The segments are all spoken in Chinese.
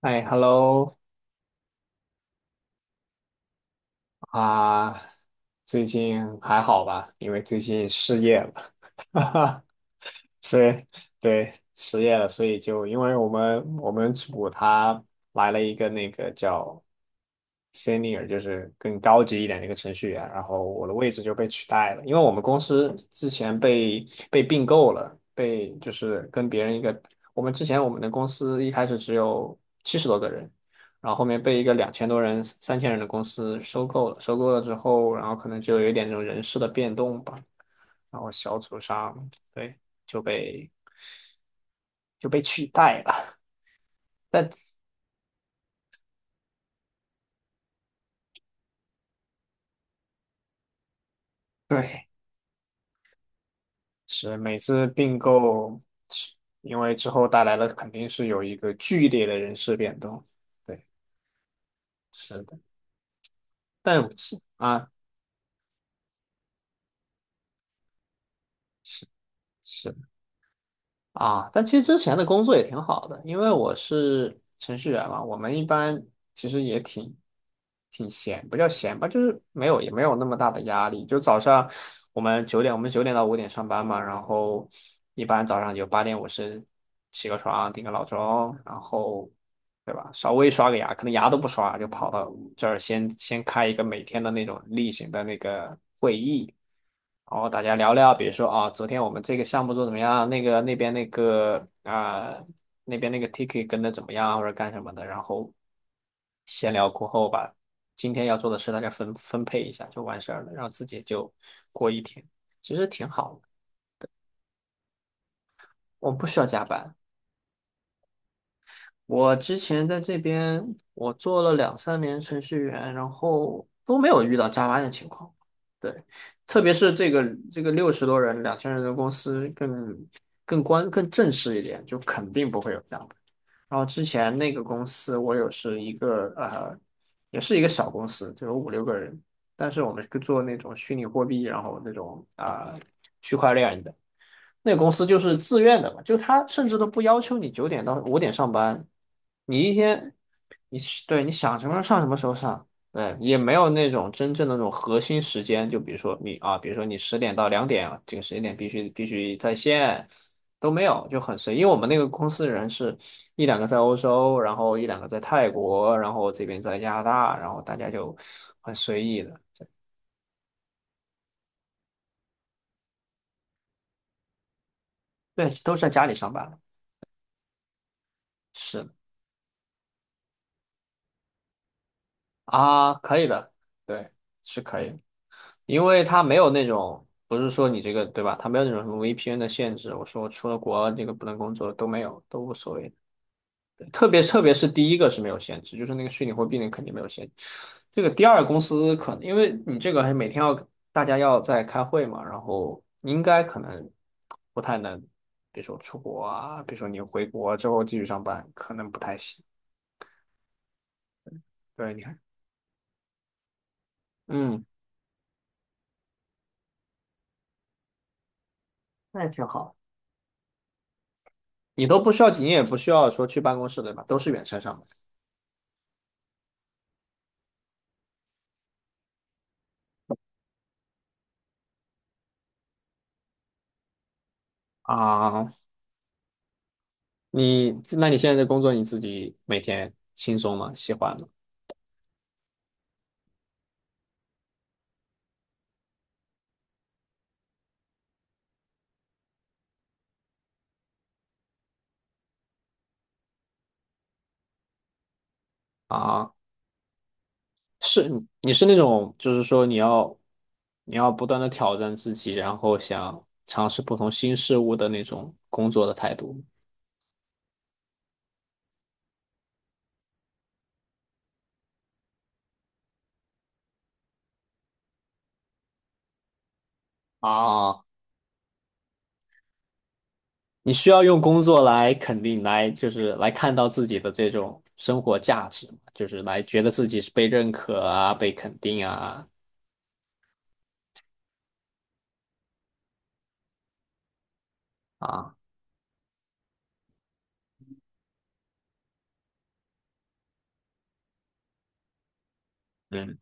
哎，hello 啊，最近还好吧？因为最近失业了，哈哈，所以对失业了，所以就因为我们组他来了一个那个叫 senior 就是更高级一点的一个程序员，然后我的位置就被取代了，因为我们公司之前被并购了，被就是跟别人一个，我们之前我们的公司一开始只有七十多个人，然后后面被一个两千多人、三千人的公司收购了，收购了之后，然后可能就有一点这种人事的变动吧，然后小组上对就被就被取代了，但对，是每次并购，是因为之后带来了肯定是有一个剧烈的人事变动，对，是的，但是啊，是是啊，但其实之前的工作也挺好的，因为我是程序员嘛，我们一般其实也挺闲，不叫闲吧，就是没有也没有那么大的压力，就早上我们九点到五点上班嘛，然后一般早上就八点五十起个床，定个闹钟，然后。对吧？稍微刷个牙，可能牙都不刷，就跑到这儿先开一个每天的那种例行的那个会议，然后大家聊聊，比如说啊，昨天我们这个项目做怎么样？那边那个 ticket 跟的怎么样，或者干什么的，然后闲聊过后吧，今天要做的事大家分配一下就完事儿了，然后自己就过一天，其实挺好的，我们不需要加班。我之前在这边，我做了两三年程序员，然后都没有遇到加班的情况。对，特别是这个六十多人、两千人的公司更正式一点，就肯定不会有这样的。然后之前那个公司，我有是一个呃，也是一个小公司，就有五六个人，但是我们是做那种虚拟货币，然后那种啊、区块链的。那个公司就是自愿的嘛，就他甚至都不要求你九点到五点上班，你一天，你对，你想什么时候上什么时候上，对，也没有那种真正的那种核心时间，就比如说你啊，比如说你十点到两点啊，这个时间点必须在线，都没有，就很随意。因为我们那个公司人是一两个在欧洲，然后一两个在泰国，然后这边在加拿大，然后大家就很随意的，对，都是在家里上班，是啊，可以的，对，是可以。因为它没有那种，不是说你这个，对吧？它没有那种什么 VPN 的限制。我说我出了国这个不能工作都没有，都无所谓的，对，特别是第一个是没有限制，就是那个虚拟货币那个肯定没有限制。这个第二公司可能因为你这个还每天要大家要在开会嘛，然后应该可能不太能，比如说出国啊，比如说你回国之后继续上班，可能不太行。对，你看，嗯，那也挺好。你都不需要，你也不需要说去办公室，对吧？都是远程上班啊。你那你现在的工作你自己每天轻松吗？喜欢吗？啊，是你是那种就是说你要不断的挑战自己，然后想尝试不同新事物的那种工作的态度吗？啊，你需要用工作来肯定来就是来看到自己的这种生活价值嘛，就是来觉得自己是被认可啊，被肯定啊。嗯。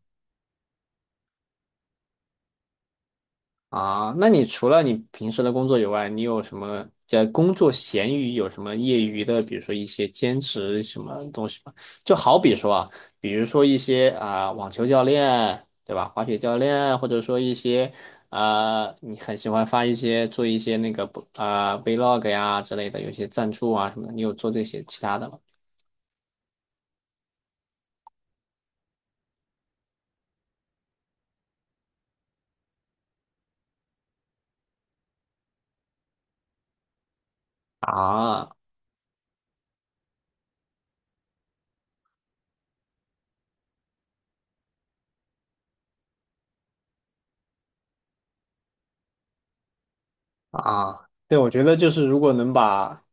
那你除了你平时的工作以外，你有什么在工作闲余有什么业余的，比如说一些兼职什么东西吗？就好比说啊，比如说一些啊、网球教练，对吧？滑雪教练，或者说一些啊、你很喜欢发一些做一些那个啊、vlog 呀之类的，有一些赞助啊什么的，你有做这些其他的吗？啊对，我觉得就是如果能把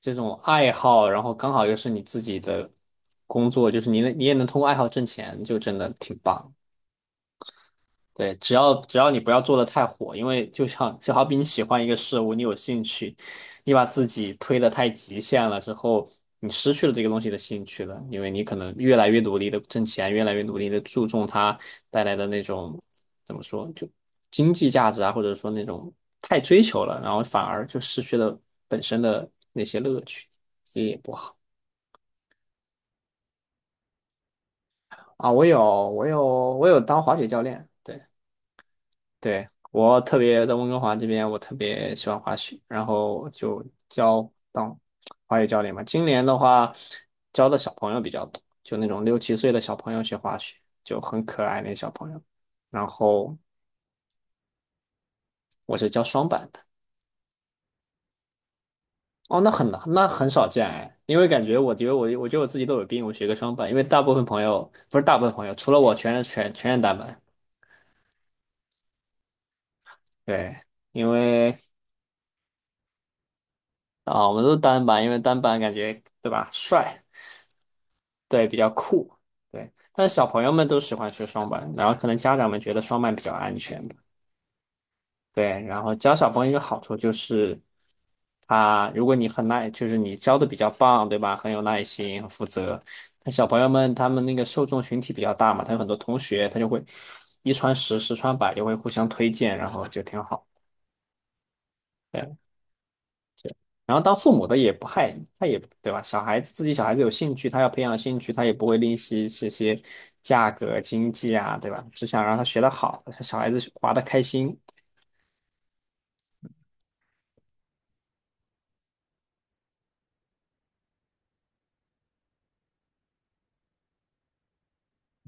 这种爱好，然后刚好又是你自己的工作，就是你也能通过爱好挣钱，就真的挺棒。对，只要你不要做的太火，因为就好比你喜欢一个事物，你有兴趣，你把自己推的太极限了之后，你失去了这个东西的兴趣了，因为你可能越来越努力的挣钱，越来越努力的注重它带来的那种怎么说，就经济价值啊，或者说那种太追求了，然后反而就失去了本身的那些乐趣，这也不好。啊，我有，我有，我有当滑雪教练。对，对，我特别在温哥华这边，我特别喜欢滑雪，然后就当滑雪教练嘛。今年的话，教的小朋友比较多，就那种六七岁的小朋友学滑雪，就很可爱那小朋友。然后我是教双板的。哦，那很少见哎，因为感觉我觉得我我觉得我自己都有病，我学个双板，因为大部分朋友不是大部分朋友，除了我全是单板。对，因为我们都是单板，因为单板感觉对吧，帅，对，比较酷，对。但是小朋友们都喜欢学双板，然后可能家长们觉得双板比较安全吧，对。然后教小朋友一个好处就是，如果你很耐，就是你教的比较棒，对吧？很有耐心，很负责。那小朋友们他们那个受众群体比较大嘛，他有很多同学，他就会一传十，十传百，就会互相推荐，然后就挺好。对。然后当父母的也不害，他也对吧？小孩子有兴趣，他要培养兴趣，他也不会吝惜这些价格、经济啊，对吧？只想让他学得好，小孩子玩得开心。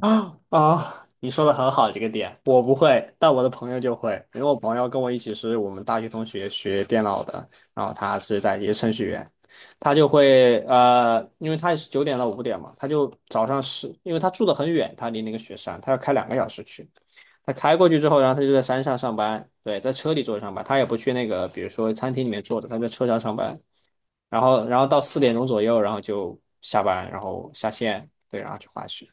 你说的很好，这个点我不会，但我的朋友就会，因为我朋友跟我一起是我们大学同学学电脑的，然后他是在也是程序员，他就会因为他也是九点到五点嘛，他就早上是因为他住的很远，他离那个雪山，他要开两个小时去，他开过去之后，然后他就在山上上班，对，在车里坐着上班，他也不去那个比如说餐厅里面坐着，他在车上上班，然后到四点钟左右，然后就下班，然后下线，对，然后去滑雪。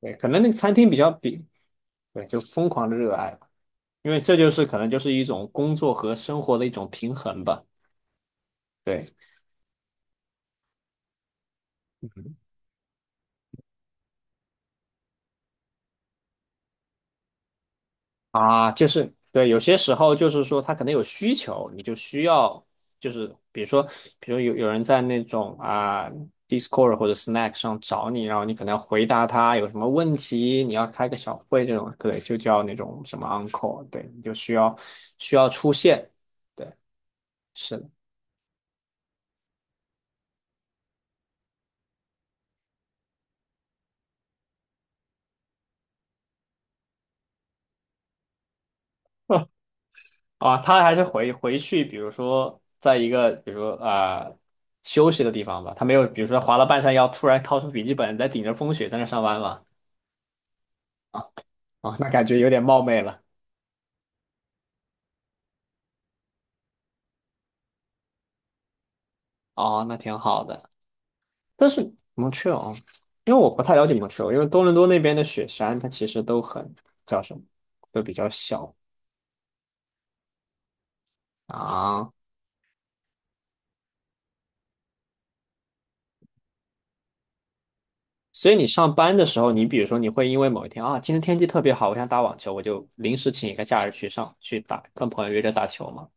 对，可能那个餐厅比较比，对，就疯狂的热爱吧，因为这就是可能就是一种工作和生活的一种平衡吧。对，嗯，就是对，有些时候就是说他可能有需求，你就需要就是比如说，比如有人在那种Discord 或者 Snack 上找你，然后你可能要回答他有什么问题，你要开个小会这种，对，就叫那种什么 on call，对，你就需要出现。对，是的。他还是回去，比如说在一个，比如说休息的地方吧，他没有，比如说滑到半山腰，突然掏出笔记本，在顶着风雪在那上班嘛，啊那感觉有点冒昧了，哦，那挺好的。但是蒙特哦，因为我不太了解蒙特利尔，因为多伦多那边的雪山，它其实都很叫什么，都比较小啊，所以你上班的时候，你比如说你会因为某一天啊，今天天气特别好，我想打网球，我就临时请一个假日去打，跟朋友约着打球嘛。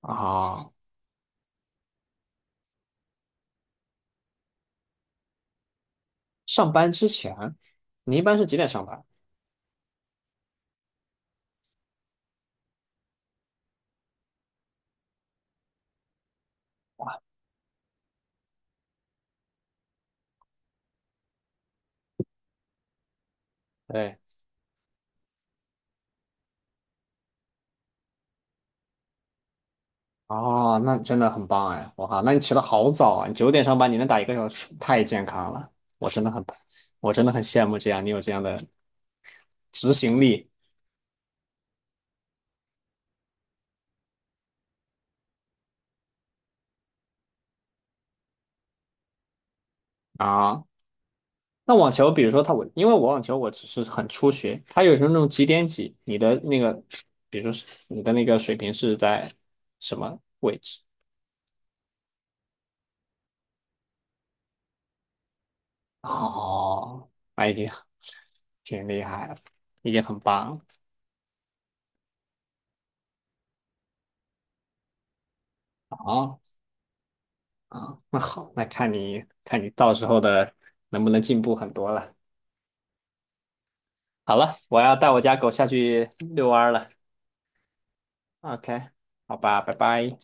啊，上班之前，你一般是几点上班？对，哦，那真的很棒哎！我靠，那你起得好早啊！你九点上班，你能打一个小时，太健康了。我真的很，我真的很羡慕这样，你有这样的执行力啊。那网球，比如说他，我因为我网球我只是很初学，他有时候那种几点几，你的那个，比如说是你的那个水平是在什么位置？哦，那已经挺厉害了，已经很棒了啊！那好，那看你到时候的能不能进步很多了。好了，我要带我家狗下去遛弯儿了。OK，好吧，拜拜。